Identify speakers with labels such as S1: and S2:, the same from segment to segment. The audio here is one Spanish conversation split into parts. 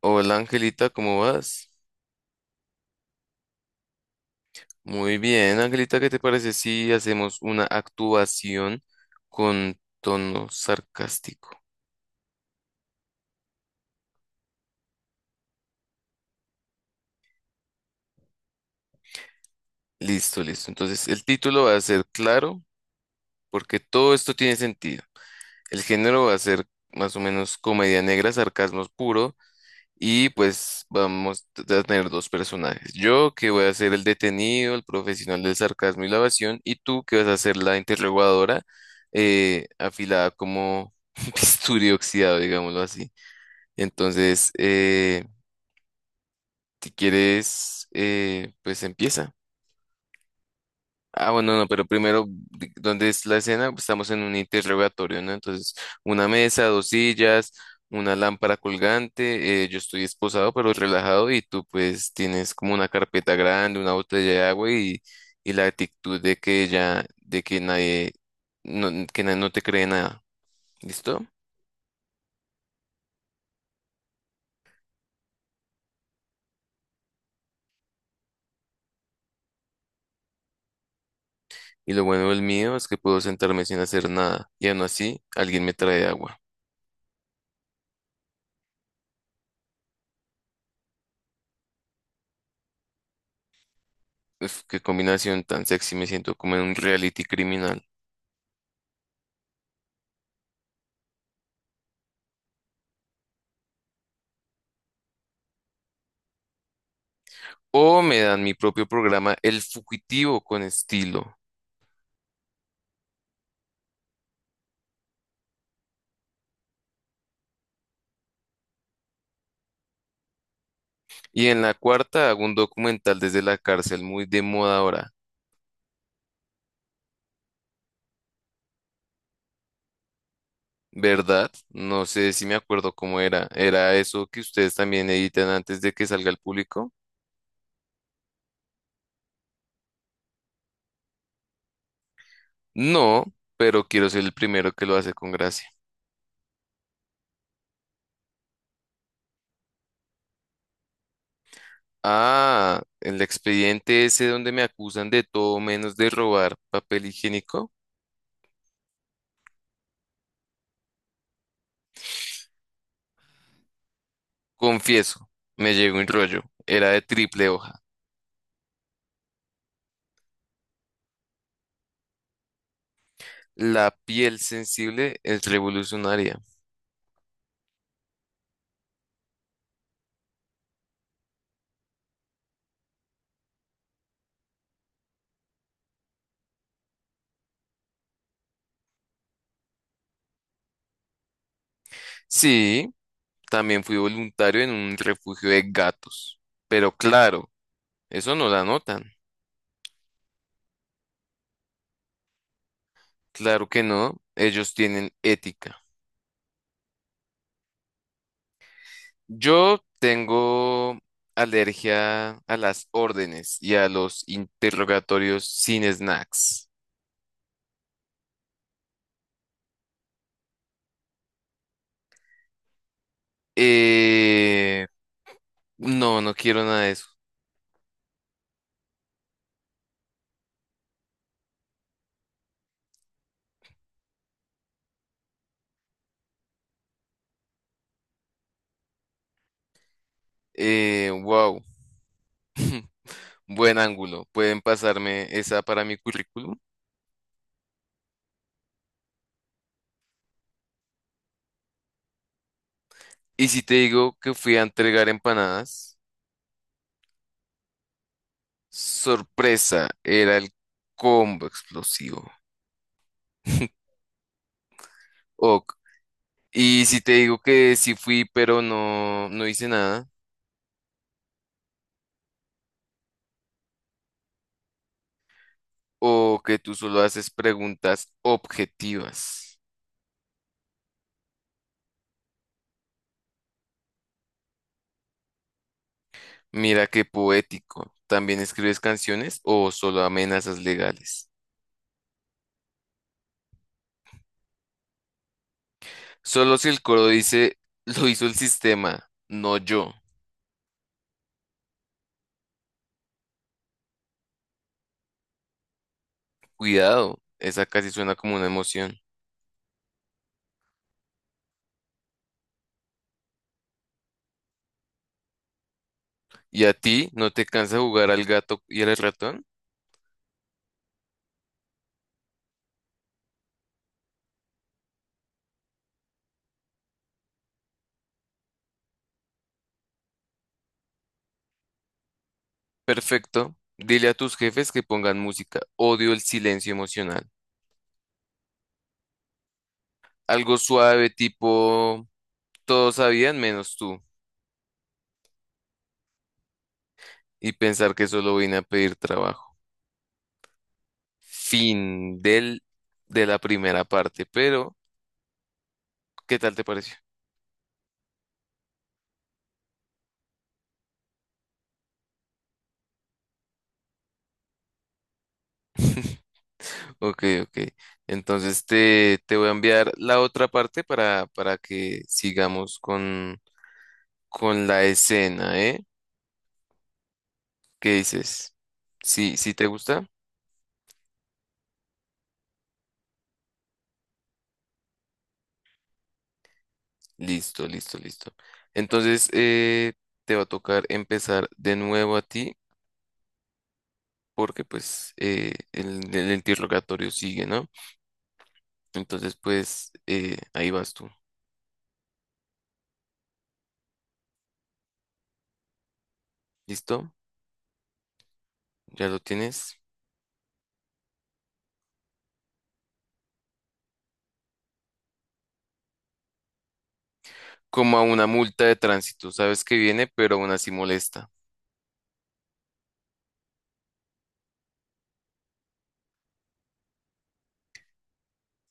S1: Hola Angelita, ¿cómo vas? Muy bien, Angelita, ¿qué te parece si hacemos una actuación con tono sarcástico? Listo, listo. Entonces, el título va a ser claro, porque todo esto tiene sentido. El género va a ser más o menos comedia negra, sarcasmo puro. Y pues vamos a tener dos personajes. Yo que voy a ser el detenido, el profesional del sarcasmo y la evasión, y tú que vas a ser la interrogadora, afilada como bisturi oxidado, digámoslo así. Entonces, si quieres, pues empieza. Ah, bueno, no, pero primero, ¿dónde es la escena? Pues estamos en un interrogatorio, ¿no? Entonces, una mesa, dos sillas, una lámpara colgante, yo estoy esposado pero relajado y tú pues tienes como una carpeta grande, una botella de agua y la actitud de que ya, de que nadie no te cree nada, ¿listo? Y lo bueno del mío es que puedo sentarme sin hacer nada y aún así alguien me trae agua. Uf, qué combinación tan sexy, me siento como en un reality criminal. O me dan mi propio programa El Fugitivo con estilo. Y en la cuarta hago un documental desde la cárcel muy de moda ahora, ¿verdad? No sé si me acuerdo cómo era. ¿Era eso que ustedes también editan antes de que salga al público? No, pero quiero ser el primero que lo hace con gracia. Ah, el expediente ese donde me acusan de todo menos de robar papel higiénico. Confieso, me llegó un rollo. Era de triple hoja. La piel sensible es revolucionaria. Sí, también fui voluntario en un refugio de gatos. Pero claro, eso no la notan. Claro que no, ellos tienen ética. Yo tengo alergia a las órdenes y a los interrogatorios sin snacks. Eh, no, no quiero nada de eso. Wow, buen ángulo. ¿Pueden pasarme esa para mi currículum? Y si te digo que fui a entregar empanadas. Sorpresa, era el combo explosivo. Ok. Y si te digo que sí fui, pero no, no hice nada, o que tú solo haces preguntas objetivas. Mira qué poético. ¿También escribes canciones o solo amenazas legales? Solo si el coro dice, lo hizo el sistema, no yo. Cuidado, esa casi suena como una emoción. ¿Y a ti no te cansa jugar al gato y al ratón? Perfecto. Dile a tus jefes que pongan música. Odio el silencio emocional. Algo suave, tipo, todos sabían menos tú. Y pensar que solo vine a pedir trabajo. Fin de la primera parte. Pero, ¿qué tal te pareció? Ok, ok. Entonces te voy a enviar la otra parte para que sigamos con la escena, ¿eh? ¿Qué dices? ¿Sí, sí te gusta? Listo, listo, listo. Entonces, te va a tocar empezar de nuevo a ti porque pues el interrogatorio sigue, ¿no? Entonces, pues ahí vas tú. ¿Listo? Ya lo tienes. Como a una multa de tránsito, sabes que viene, pero aún así molesta.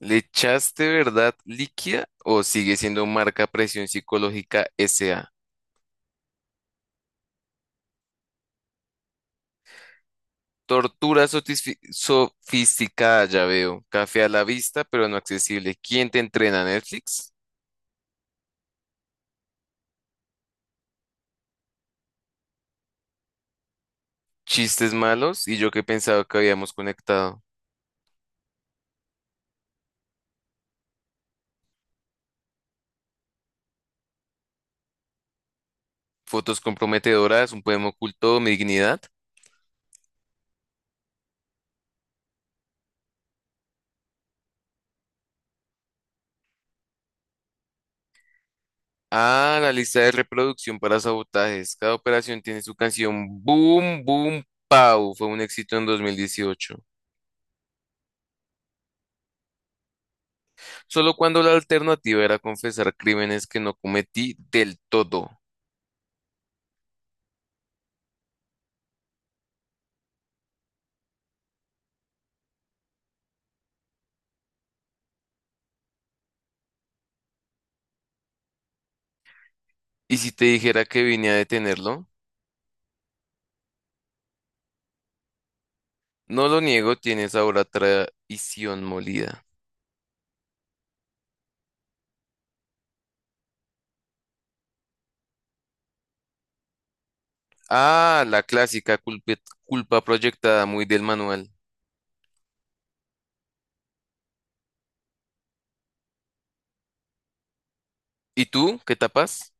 S1: ¿Le echaste verdad líquida o sigue siendo marca presión psicológica SA? Tortura sofisticada, ya veo. Café a la vista, pero no accesible. ¿Quién te entrena, Netflix? Chistes malos y yo que pensaba que habíamos conectado. Fotos comprometedoras, un poema oculto, mi dignidad. Ah, la lista de reproducción para sabotajes. Cada operación tiene su canción. Boom, boom, pow. Fue un éxito en 2018. Solo cuando la alternativa era confesar crímenes que no cometí del todo. ¿Y si te dijera que vine a detenerlo? No lo niego, tienes ahora traición molida. Ah, la clásica culpa proyectada muy del manual. ¿Y tú? ¿Qué tapas?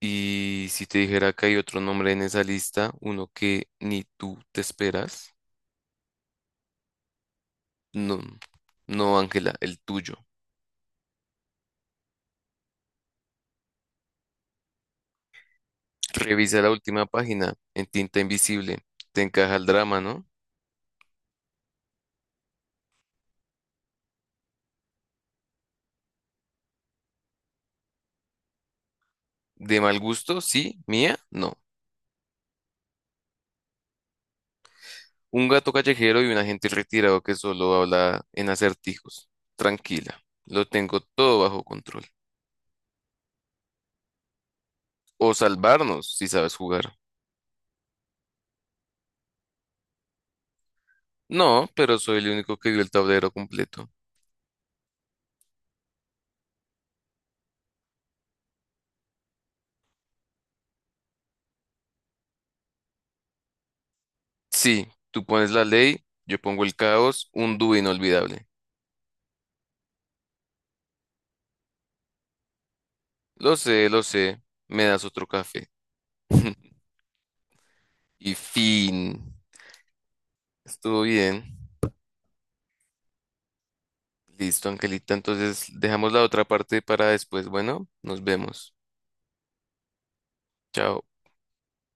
S1: Y si te dijera que hay otro nombre en esa lista, uno que ni tú te esperas, no, no, Ángela, el tuyo. Revisa la última página en tinta invisible. Te encaja el drama, ¿no? De mal gusto, sí, mía, no. Un gato callejero y un agente retirado que solo habla en acertijos. Tranquila, lo tengo todo bajo control. O salvarnos, si sabes jugar. No, pero soy el único que vio el tablero completo. Sí, tú pones la ley, yo pongo el caos, un dúo inolvidable. Lo sé, me das otro café. Y fin. Estuvo bien. Listo, Angelita. Entonces dejamos la otra parte para después. Bueno, nos vemos. Chao.